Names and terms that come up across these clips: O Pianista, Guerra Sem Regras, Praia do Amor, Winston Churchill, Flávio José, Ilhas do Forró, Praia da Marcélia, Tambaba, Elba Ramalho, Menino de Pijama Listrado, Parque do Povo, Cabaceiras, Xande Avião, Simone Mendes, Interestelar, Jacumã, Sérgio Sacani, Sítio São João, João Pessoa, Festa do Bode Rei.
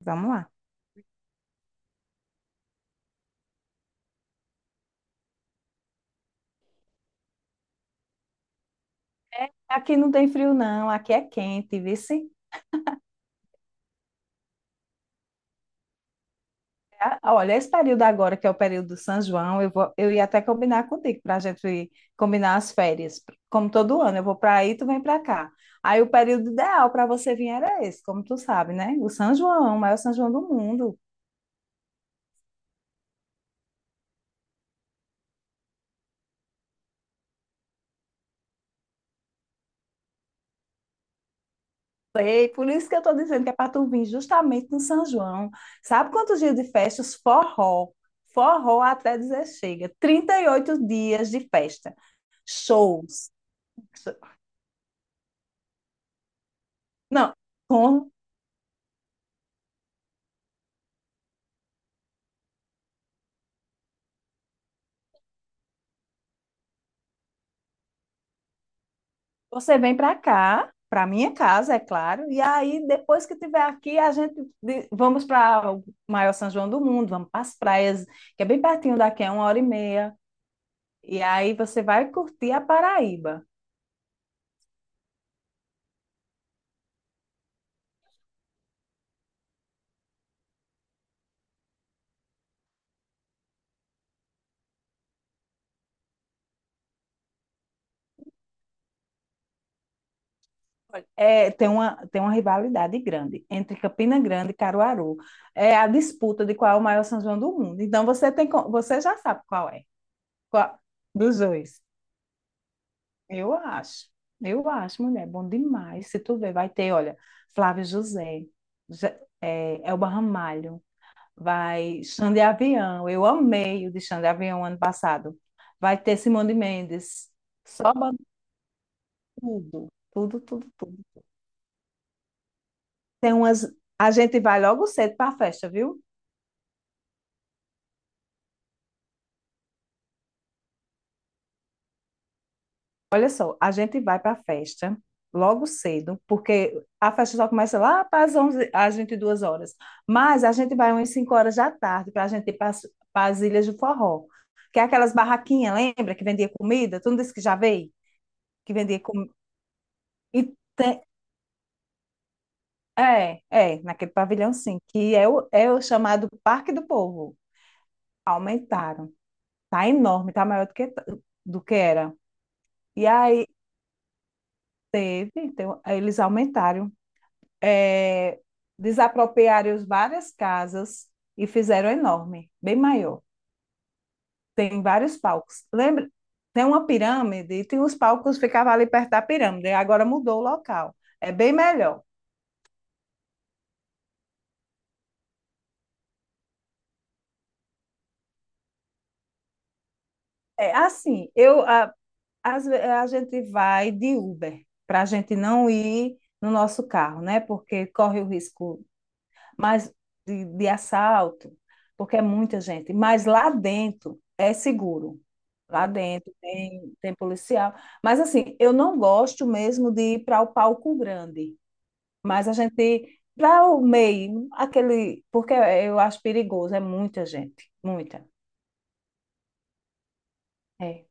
Vamos lá. Aqui não tem frio, não. Aqui é quente, viu? Sim? Ah, olha, esse período agora, que é o período do São João, eu ia até combinar contigo para a gente combinar as férias. Como todo ano, eu vou para aí, tu vem para cá. Aí o período ideal para você vir era esse, como tu sabe, né? O São João, o maior São João do mundo. Sei, por isso que eu estou dizendo que é para tu vir justamente no São João. Sabe quantos dias de festas? Forró. Forró até dizer chega. 38 dias de festa. Shows. Não, com- você vem para cá, para minha casa, é claro, e aí depois que tiver aqui, a gente vamos para o maior São João do mundo, vamos para as praias, que é bem pertinho daqui, é uma hora e meia, e aí você vai curtir a Paraíba. É, tem uma rivalidade grande entre Campina Grande e Caruaru. É a disputa de qual é o maior São João do mundo. Então você já sabe qual dos dois. Eu acho, eu acho, mulher, bom demais. Se tu ver, vai ter, olha, Flávio José, Je- Elba Ramalho, vai Xande Avião, eu amei o de Xande Avião ano passado. Vai ter Simone Mendes, só bota tudo, tudo, tudo, tudo. Tem umas, a gente vai logo cedo para a festa, viu? Olha só, a gente vai para a festa logo cedo, porque a festa só começa lá para as 11, às 22 horas. Mas a gente vai umas 5 horas da tarde para a gente ir para as Ilhas do Forró, que é aquelas barraquinhas, lembra? Que vendia comida? Tu não disse que já veio? Que vendia comida. É, naquele pavilhão sim, que é o chamado Parque do Povo. Aumentaram. Tá enorme, tá maior do que era. E aí teve, então, eles aumentaram. é, desapropriaram as várias casas e fizeram enorme, bem maior. Tem vários palcos. Lembra? Tem uma pirâmide e tem os palcos que ficavam ali perto da pirâmide. Agora mudou o local. É bem melhor. É assim, a gente vai de Uber para a gente não ir no nosso carro, né? Porque corre o risco mas de assalto, porque é muita gente. Mas lá dentro é seguro. Lá dentro tem policial. Mas assim, eu não gosto mesmo de ir para o palco grande. Mas a gente, para o meio, aquele. Porque eu acho perigoso, é muita gente. Muita. É.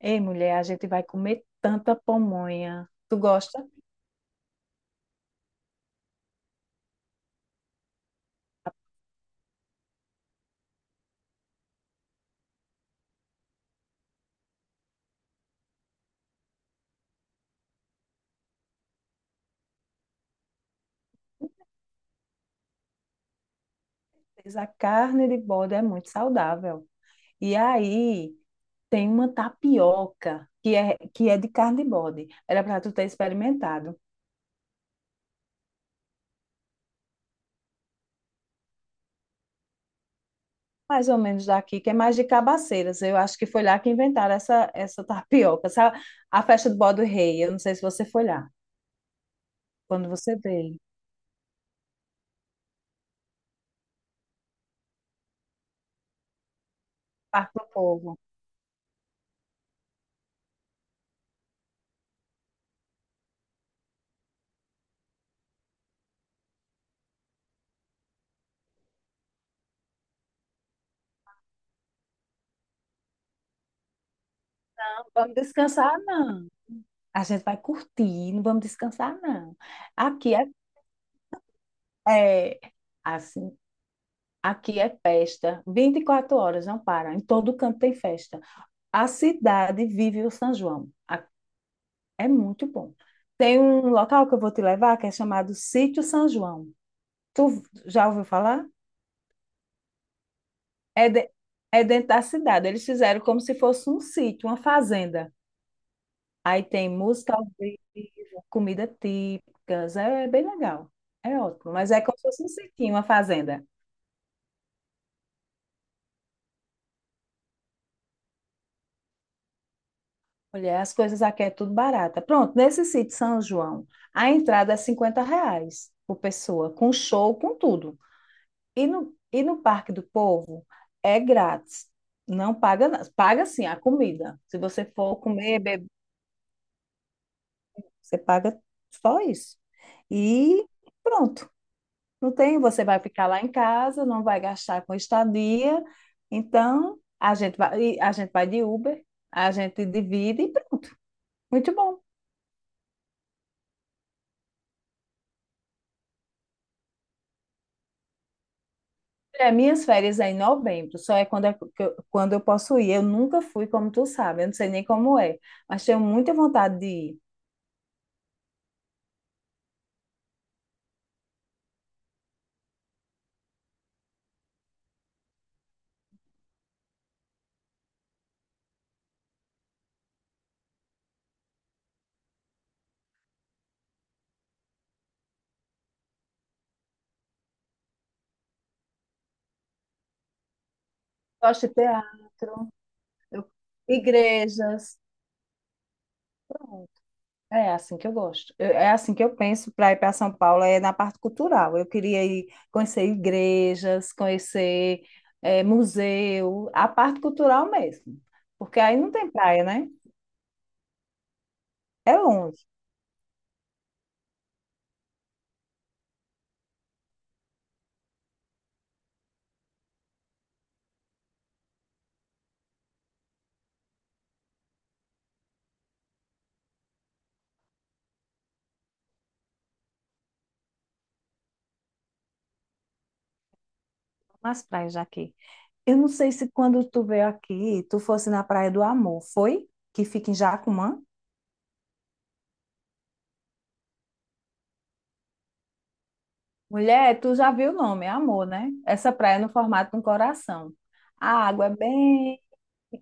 Ei, mulher, a gente vai comer tanta pamonha. Tu gosta? Mas a carne de bode é muito saudável. E aí, tem uma tapioca que é de carne de bode. Era para tu ter experimentado. Mais ou menos daqui, que é mais de Cabaceiras. Eu acho que foi lá que inventaram essa tapioca. Sabe? A festa do Bode Rei, eu não sei se você foi lá, quando você veio. Parque do Povo. Não vamos descansar, não. A gente vai curtir, não vamos descansar, não. Aqui é assim, aqui é festa. 24 horas, não para. Em todo canto tem festa. A cidade vive o São João. É muito bom. Tem um local que eu vou te levar que é chamado Sítio São João. Tu já ouviu falar? É, é dentro da cidade. Eles fizeram como se fosse um sítio, uma fazenda. Aí tem música ao vivo, comida típicas. É bem legal. É ótimo. Mas é como se fosse um sítio, uma fazenda. Olha, as coisas aqui é tudo barata. Pronto, nesse sítio São João, a entrada é R$ 50 por pessoa, com show, com tudo. E no Parque do Povo é grátis. Não paga, nada paga sim a comida. Se você for comer, beber, você paga só isso. E pronto. Não tem, você vai ficar lá em casa, não vai gastar com estadia. Então, a gente vai de Uber, a gente divide e pronto. Muito bom. É, minhas férias é em novembro, só é quando, quando eu posso ir. Eu nunca fui, como tu sabe, eu não sei nem como é, mas tenho muita vontade de ir. Gosto de teatro. Eu- Igrejas. Pronto. É assim que eu gosto. É assim que eu penso para ir para São Paulo, é na parte cultural. Eu queria ir conhecer igrejas, conhecer museu, a parte cultural mesmo. Porque aí não tem praia, né? É longe, umas praias daqui. Eu não sei se quando tu veio aqui, tu fosse na Praia do Amor, foi? Que fica em Jacumã? Mulher, tu já viu o nome, é Amor, né? Essa praia é no formato de um coração. A água é bem.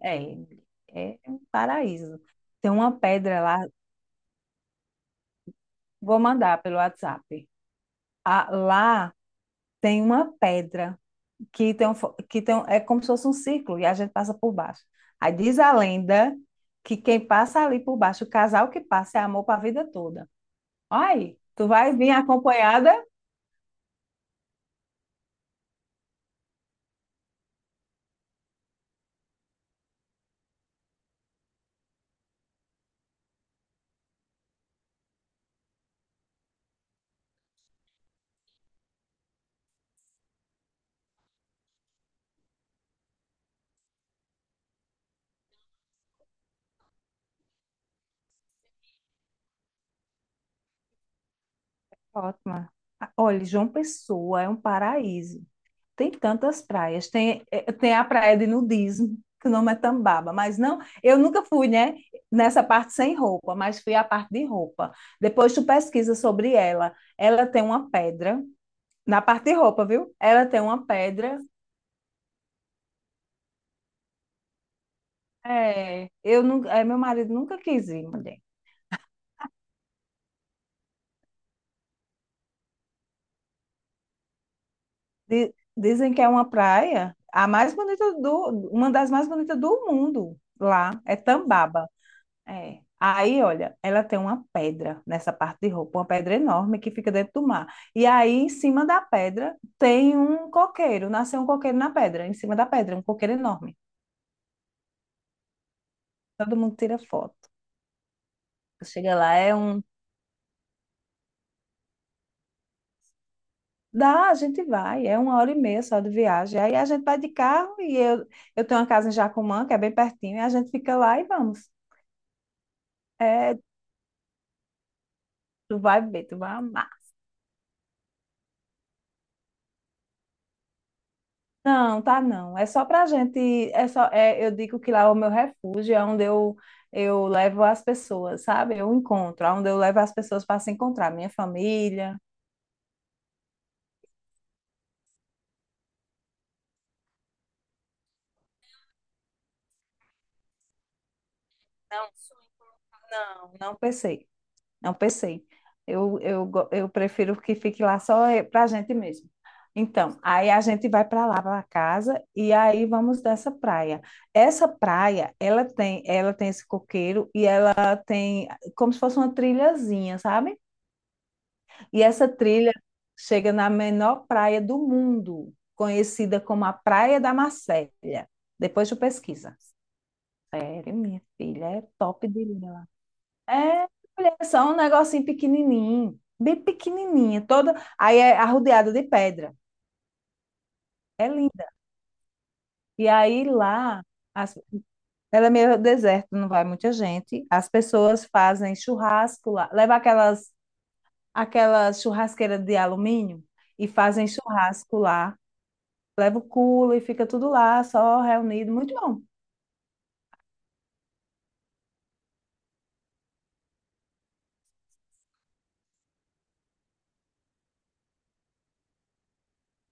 É, é um paraíso. Tem uma pedra lá, vou mandar pelo WhatsApp. Ah, lá tem uma pedra que tem um fo- que tem um- é como se fosse um círculo e a gente passa por baixo. Aí diz a lenda que quem passa ali por baixo, o casal que passa é amor para a vida toda. Olha aí, tu vai vir acompanhada? Ótima. Ah, olha, João Pessoa é um paraíso. Tem tantas praias. Tem a praia de nudismo, que o nome é Tambaba, mas não, eu nunca fui, né, nessa parte sem roupa, mas fui à parte de roupa. Depois tu pesquisa sobre ela. Ela tem uma pedra, na parte de roupa, viu? Ela tem uma pedra. É, meu marido nunca quis ir, mulher. Dizem que é uma praia, a mais bonita do, uma das mais bonitas do mundo lá, é Tambaba. É. Aí, olha, ela tem uma pedra nessa parte de roupa, uma pedra enorme que fica dentro do mar. E aí, em cima da pedra, tem um coqueiro. Nasceu um coqueiro na pedra, em cima da pedra, um coqueiro enorme. Todo mundo tira foto. Chega lá, é um. Dá, a gente vai, é uma hora e meia só de viagem. Aí a gente vai de carro e eu tenho uma casa em Jacumã, que é bem pertinho, e a gente fica lá e vamos. É, tu vai ver, tu vai amar. Não, tá não. É só pra gente, eu digo que lá é o meu refúgio, é onde eu levo as pessoas, sabe? Eu encontro, é onde eu levo as pessoas para se encontrar, minha família. Não, não, não pensei, não pensei. Eu prefiro que fique lá só pra gente mesmo. Então, aí a gente vai para lá, para casa, e aí vamos dessa praia. Essa praia, ela tem esse coqueiro e ela tem como se fosse uma trilhazinha, sabe? E essa trilha chega na menor praia do mundo, conhecida como a Praia da Marcélia. Depois tu pesquisa. Sério, minha filha, é top de linha lá. É, mulher, é só um negocinho pequenininho, bem pequenininha, toda, aí é arrodeada de pedra. É linda. E aí lá, as- ela é meio deserto, não vai muita gente. As pessoas fazem churrasco lá, leva aquelas churrasqueira de alumínio e fazem churrasco lá. Leva o culo e fica tudo lá, só reunido. Muito bom.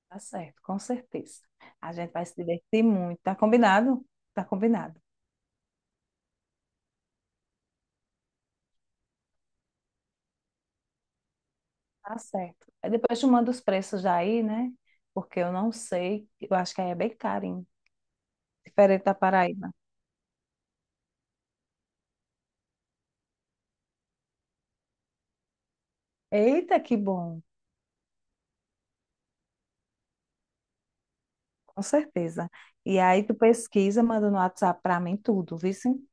Tá certo, com certeza. A gente vai se divertir muito. Tá combinado? Tá combinado. Tá certo. Aí depois tu manda os preços já aí, né? Porque eu não sei. Eu acho que aí é bem carinho. Diferente da Paraíba. Eita, que bom. Com certeza. E aí tu pesquisa, manda no WhatsApp pra mim tudo, viu? Sim?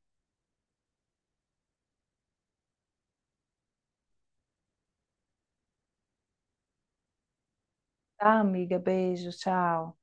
Tá, amiga. Beijo, tchau.